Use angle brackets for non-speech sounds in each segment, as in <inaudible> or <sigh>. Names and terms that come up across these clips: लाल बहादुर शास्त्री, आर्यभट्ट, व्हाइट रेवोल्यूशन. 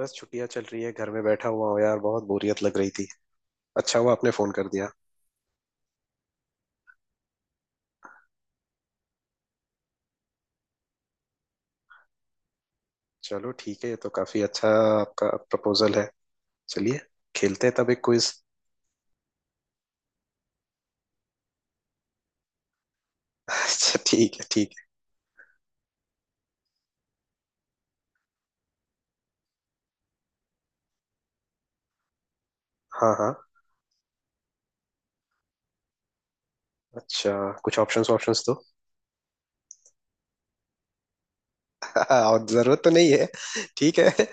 बस छुट्टियां चल रही है, घर में बैठा हुआ हूँ यार। बहुत बोरियत लग रही थी, अच्छा हुआ आपने फोन कर दिया। चलो ठीक है, ये तो काफी अच्छा आपका प्रपोजल है। चलिए, खेलते हैं तब एक क्विज। अच्छा ठीक है ठीक है। हाँ हाँ। अच्छा, कुछ ऑप्शंस ऑप्शंस दो। <laughs> और जरूरत तो नहीं है। ठीक है,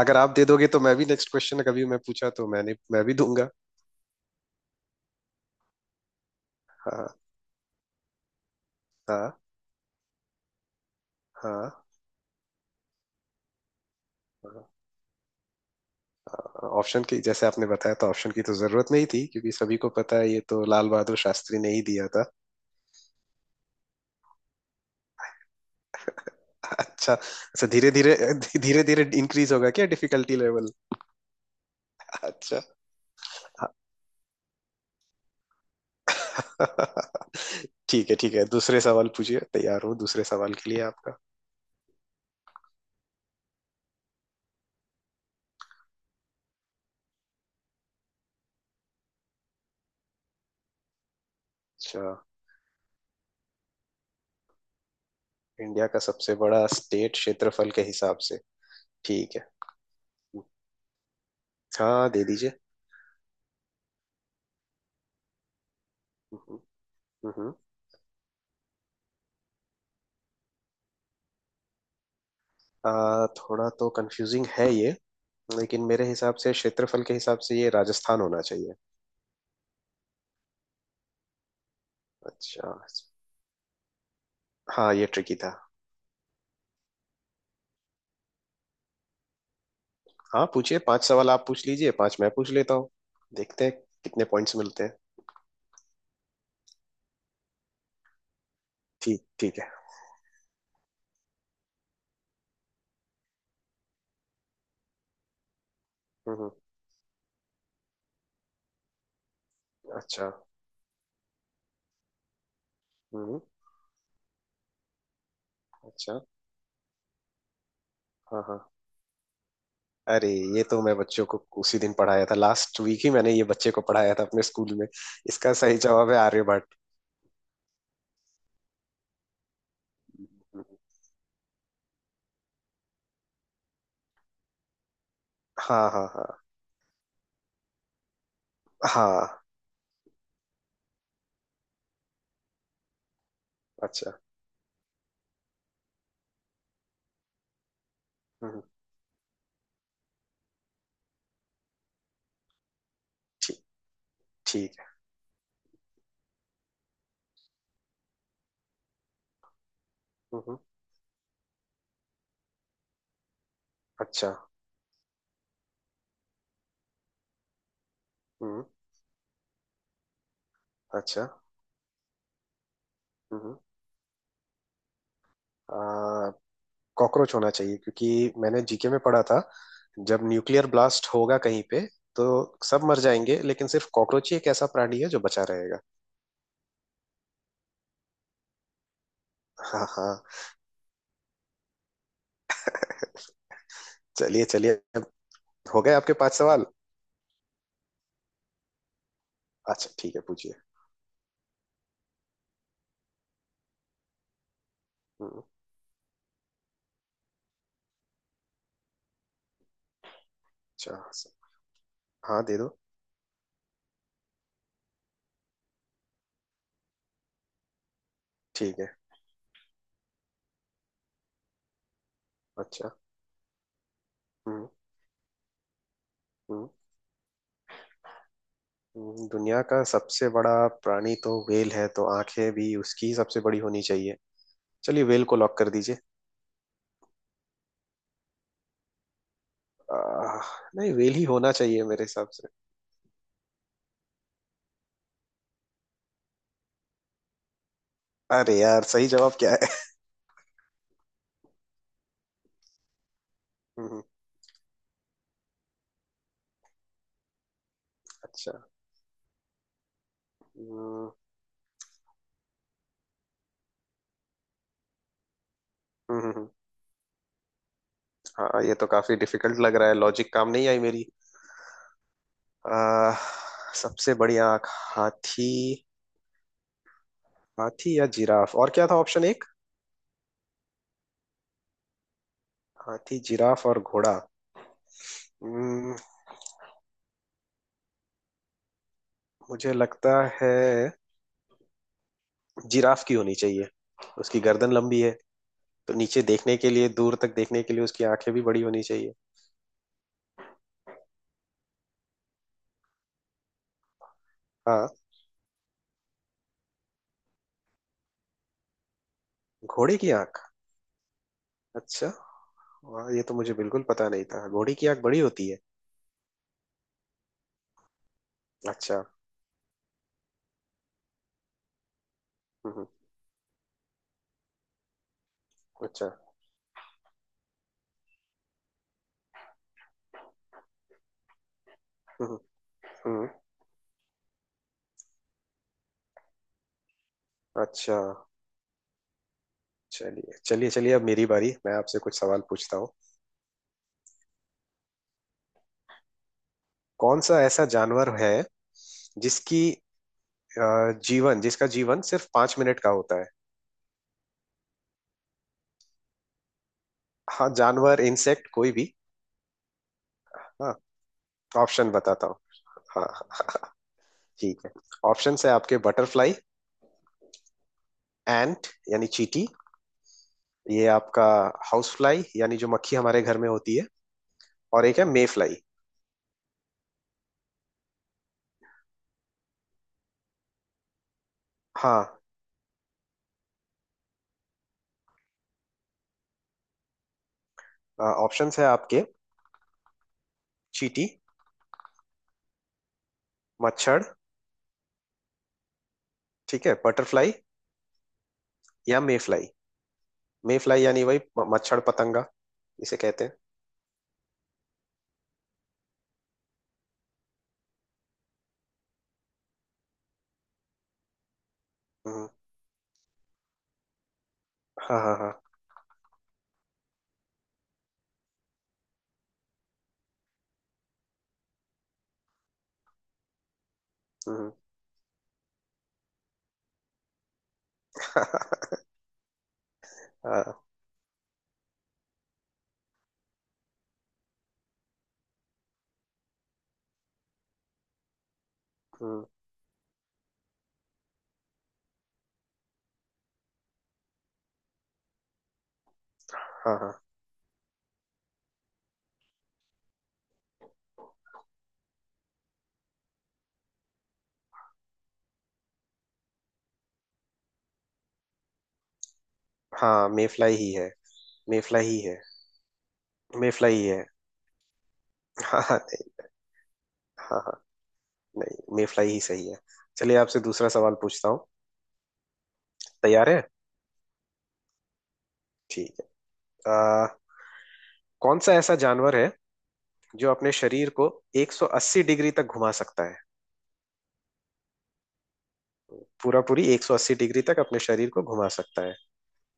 अगर आप दे दोगे तो मैं भी नेक्स्ट क्वेश्चन कभी मैं पूछा तो मैं भी दूंगा। हाँ हाँ। हाँ हाँ, ऑप्शन की जैसे आपने बताया तो ऑप्शन की तो जरूरत नहीं थी, क्योंकि सभी को पता है ये तो लाल बहादुर शास्त्री ने ही दिया था। अच्छा अच्छा, धीरे धीरे। धीरे धीरे इंक्रीज होगा क्या डिफिकल्टी लेवल। अच्छा। <laughs> ठीक है ठीक है, दूसरे सवाल पूछिए, तैयार हूँ दूसरे सवाल के लिए आपका। अच्छा, इंडिया का सबसे बड़ा स्टेट क्षेत्रफल के हिसाब से। ठीक है। हाँ दे दीजिए। हम्म। हम्म। हम्म। थोड़ा तो कंफ्यूजिंग है ये, लेकिन मेरे हिसाब से क्षेत्रफल के हिसाब से ये राजस्थान होना चाहिए। अच्छा। हाँ ये ट्रिकी था। हाँ पूछिए, पांच सवाल आप पूछ लीजिए, पांच मैं पूछ लेता हूँ। देखते हैं कितने पॉइंट्स मिलते हैं। ठीक ठीक है। हम्म। अच्छा। हम्म। अच्छा। हाँ हाँ। अरे, ये तो मैं बच्चों को उसी दिन पढ़ाया था, लास्ट वीक ही मैंने ये बच्चे को पढ़ाया था अपने स्कूल में। इसका सही जवाब है आर्यभट्ट। हम्म। हाँ हाँ हाँ। हाँ। अच्छा। हम्म। ठीक ठीक है। हम्म। अच्छा। हम्म। अच्छा। हम्म हम्म। आ, कॉकरोच होना चाहिए, क्योंकि मैंने जीके में पढ़ा था। जब न्यूक्लियर ब्लास्ट होगा कहीं पे, तो सब मर जाएंगे लेकिन सिर्फ कॉकरोच ही एक ऐसा प्राणी है जो बचा रहेगा। हाँ हाँ। चलिए चलिए, अब हो गए आपके पांच सवाल। अच्छा ठीक है, पूछिए। हम्म। अच्छा। हाँ दे दो। ठीक है। अच्छा। हम्म हम्म। दुनिया का सबसे बड़ा प्राणी तो व्हेल है, तो आंखें भी उसकी सबसे बड़ी होनी चाहिए। चलिए व्हेल को लॉक कर दीजिए। आह, नहीं व्हेल ही होना चाहिए मेरे हिसाब से। अरे यार, सही जवाब क्या है। हम्म। अच्छा। हम्म। हम्म। हम्म। हाँ ये तो काफी डिफिकल्ट लग रहा है, लॉजिक काम नहीं आई मेरी। आ, सबसे बड़ी आंख। हाथी। हाथी या जिराफ, और क्या था ऑप्शन एक। हाथी जिराफ और घोड़ा। हम्म, मुझे लगता है जिराफ की होनी चाहिए। उसकी गर्दन लंबी है, तो नीचे देखने के लिए दूर तक देखने के लिए उसकी आंखें भी बड़ी होनी चाहिए। हाँ। घोड़े की आंख। अच्छा, वाह, ये तो मुझे बिल्कुल पता नहीं था घोड़े की आंख बड़ी होती है। अच्छा। हम्म। अच्छा। हम्म हम्म। हम्म। अच्छा। चलिए चलिए चलिए, अब मेरी बारी, मैं आपसे कुछ सवाल पूछता हूँ। कौन सा ऐसा जानवर है जिसकी जीवन जिसका जीवन सिर्फ पांच मिनट का होता है। हाँ, जानवर इंसेक्ट कोई भी। हाँ ऑप्शन बताता हूँ। हाँ हाँ। ठीक है। ऑप्शन है आपके, बटरफ्लाई। एंट यानी चींटी। ये आपका हाउस फ्लाई यानी जो मक्खी हमारे घर में होती है। और एक है मे फ्लाई। हाँ, ऑप्शन है आपके चींटी, मच्छर, ठीक है, बटरफ्लाई या मे फ्लाई। मे फ्लाई यानी वही मच्छर पतंगा इसे कहते हैं। हम्म। हाँ हाँ हाँ। हम्म। <laughs> हाँ। हम्म। हाँ हाँ हाँ। मेफ्लाई ही है। मेफ्लाई ही है। मेफ्लाई ही है। हाँ हाँ। हाँ हाँ, नहीं मेफ्लाई ही सही है। <laughs> चलिए आपसे दूसरा सवाल पूछता हूँ। तैयार है। ठीक है। आ, कौन सा ऐसा जानवर है जो अपने शरीर को 180 डिग्री तक घुमा सकता है। पूरा पूरी 180 डिग्री तक अपने शरीर को घुमा सकता है।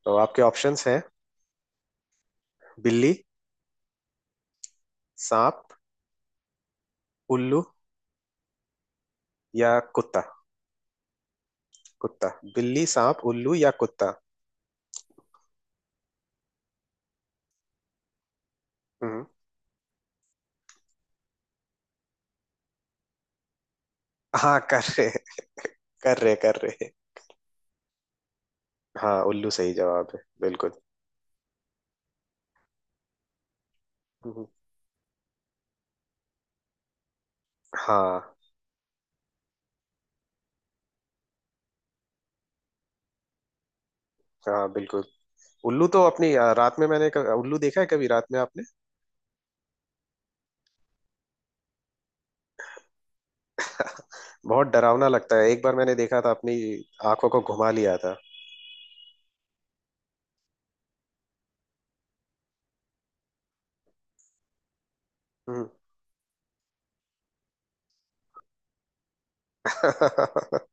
तो आपके ऑप्शंस हैं, बिल्ली, सांप, उल्लू या कुत्ता। कुत्ता। बिल्ली सांप उल्लू या कुत्ता। हम्म। हाँ कर रहे हैं, कर रहे कर रहे। हाँ उल्लू सही जवाब है बिल्कुल। हम्म। हाँ हाँ बिल्कुल। उल्लू तो अपनी रात में मैंने उल्लू देखा है, कभी रात में आपने। बहुत डरावना लगता है, एक बार मैंने देखा था अपनी आंखों को घुमा लिया था। हम्म। <laughs>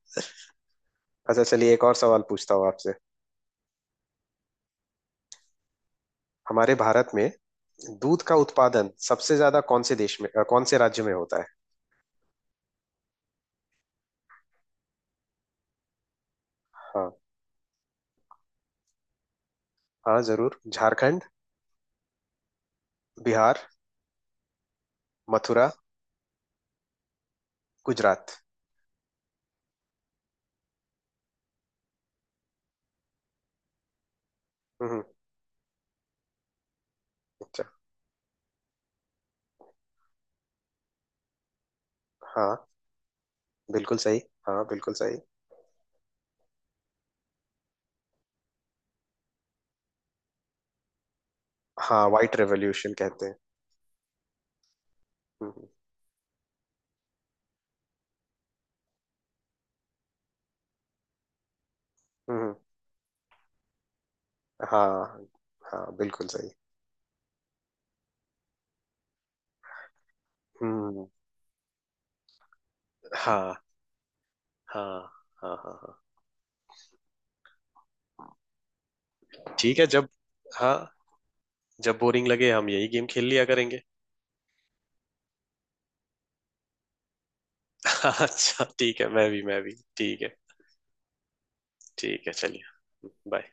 अच्छा चलिए, एक और सवाल पूछता हूँ आपसे। हमारे भारत में दूध का उत्पादन सबसे ज्यादा कौन से देश में, कौन से राज्य में होता है। हाँ हाँ जरूर, झारखंड, बिहार, मथुरा, गुजरात। हम्म। अच्छा। हाँ बिल्कुल सही। हाँ बिल्कुल सही। हाँ व्हाइट रेवोल्यूशन कहते हैं। हम्म हम्म। हम्म। हाँ। हाँ बिल्कुल सही। हम्म। हाँ हाँ हाँ। हाँ। हाँ। ठीक है जब, हाँ, जब बोरिंग लगे हम यही गेम खेल लिया करेंगे। <laughs> अच्छा ठीक है, मैं भी ठीक है। ठीक है चलिए, बाय।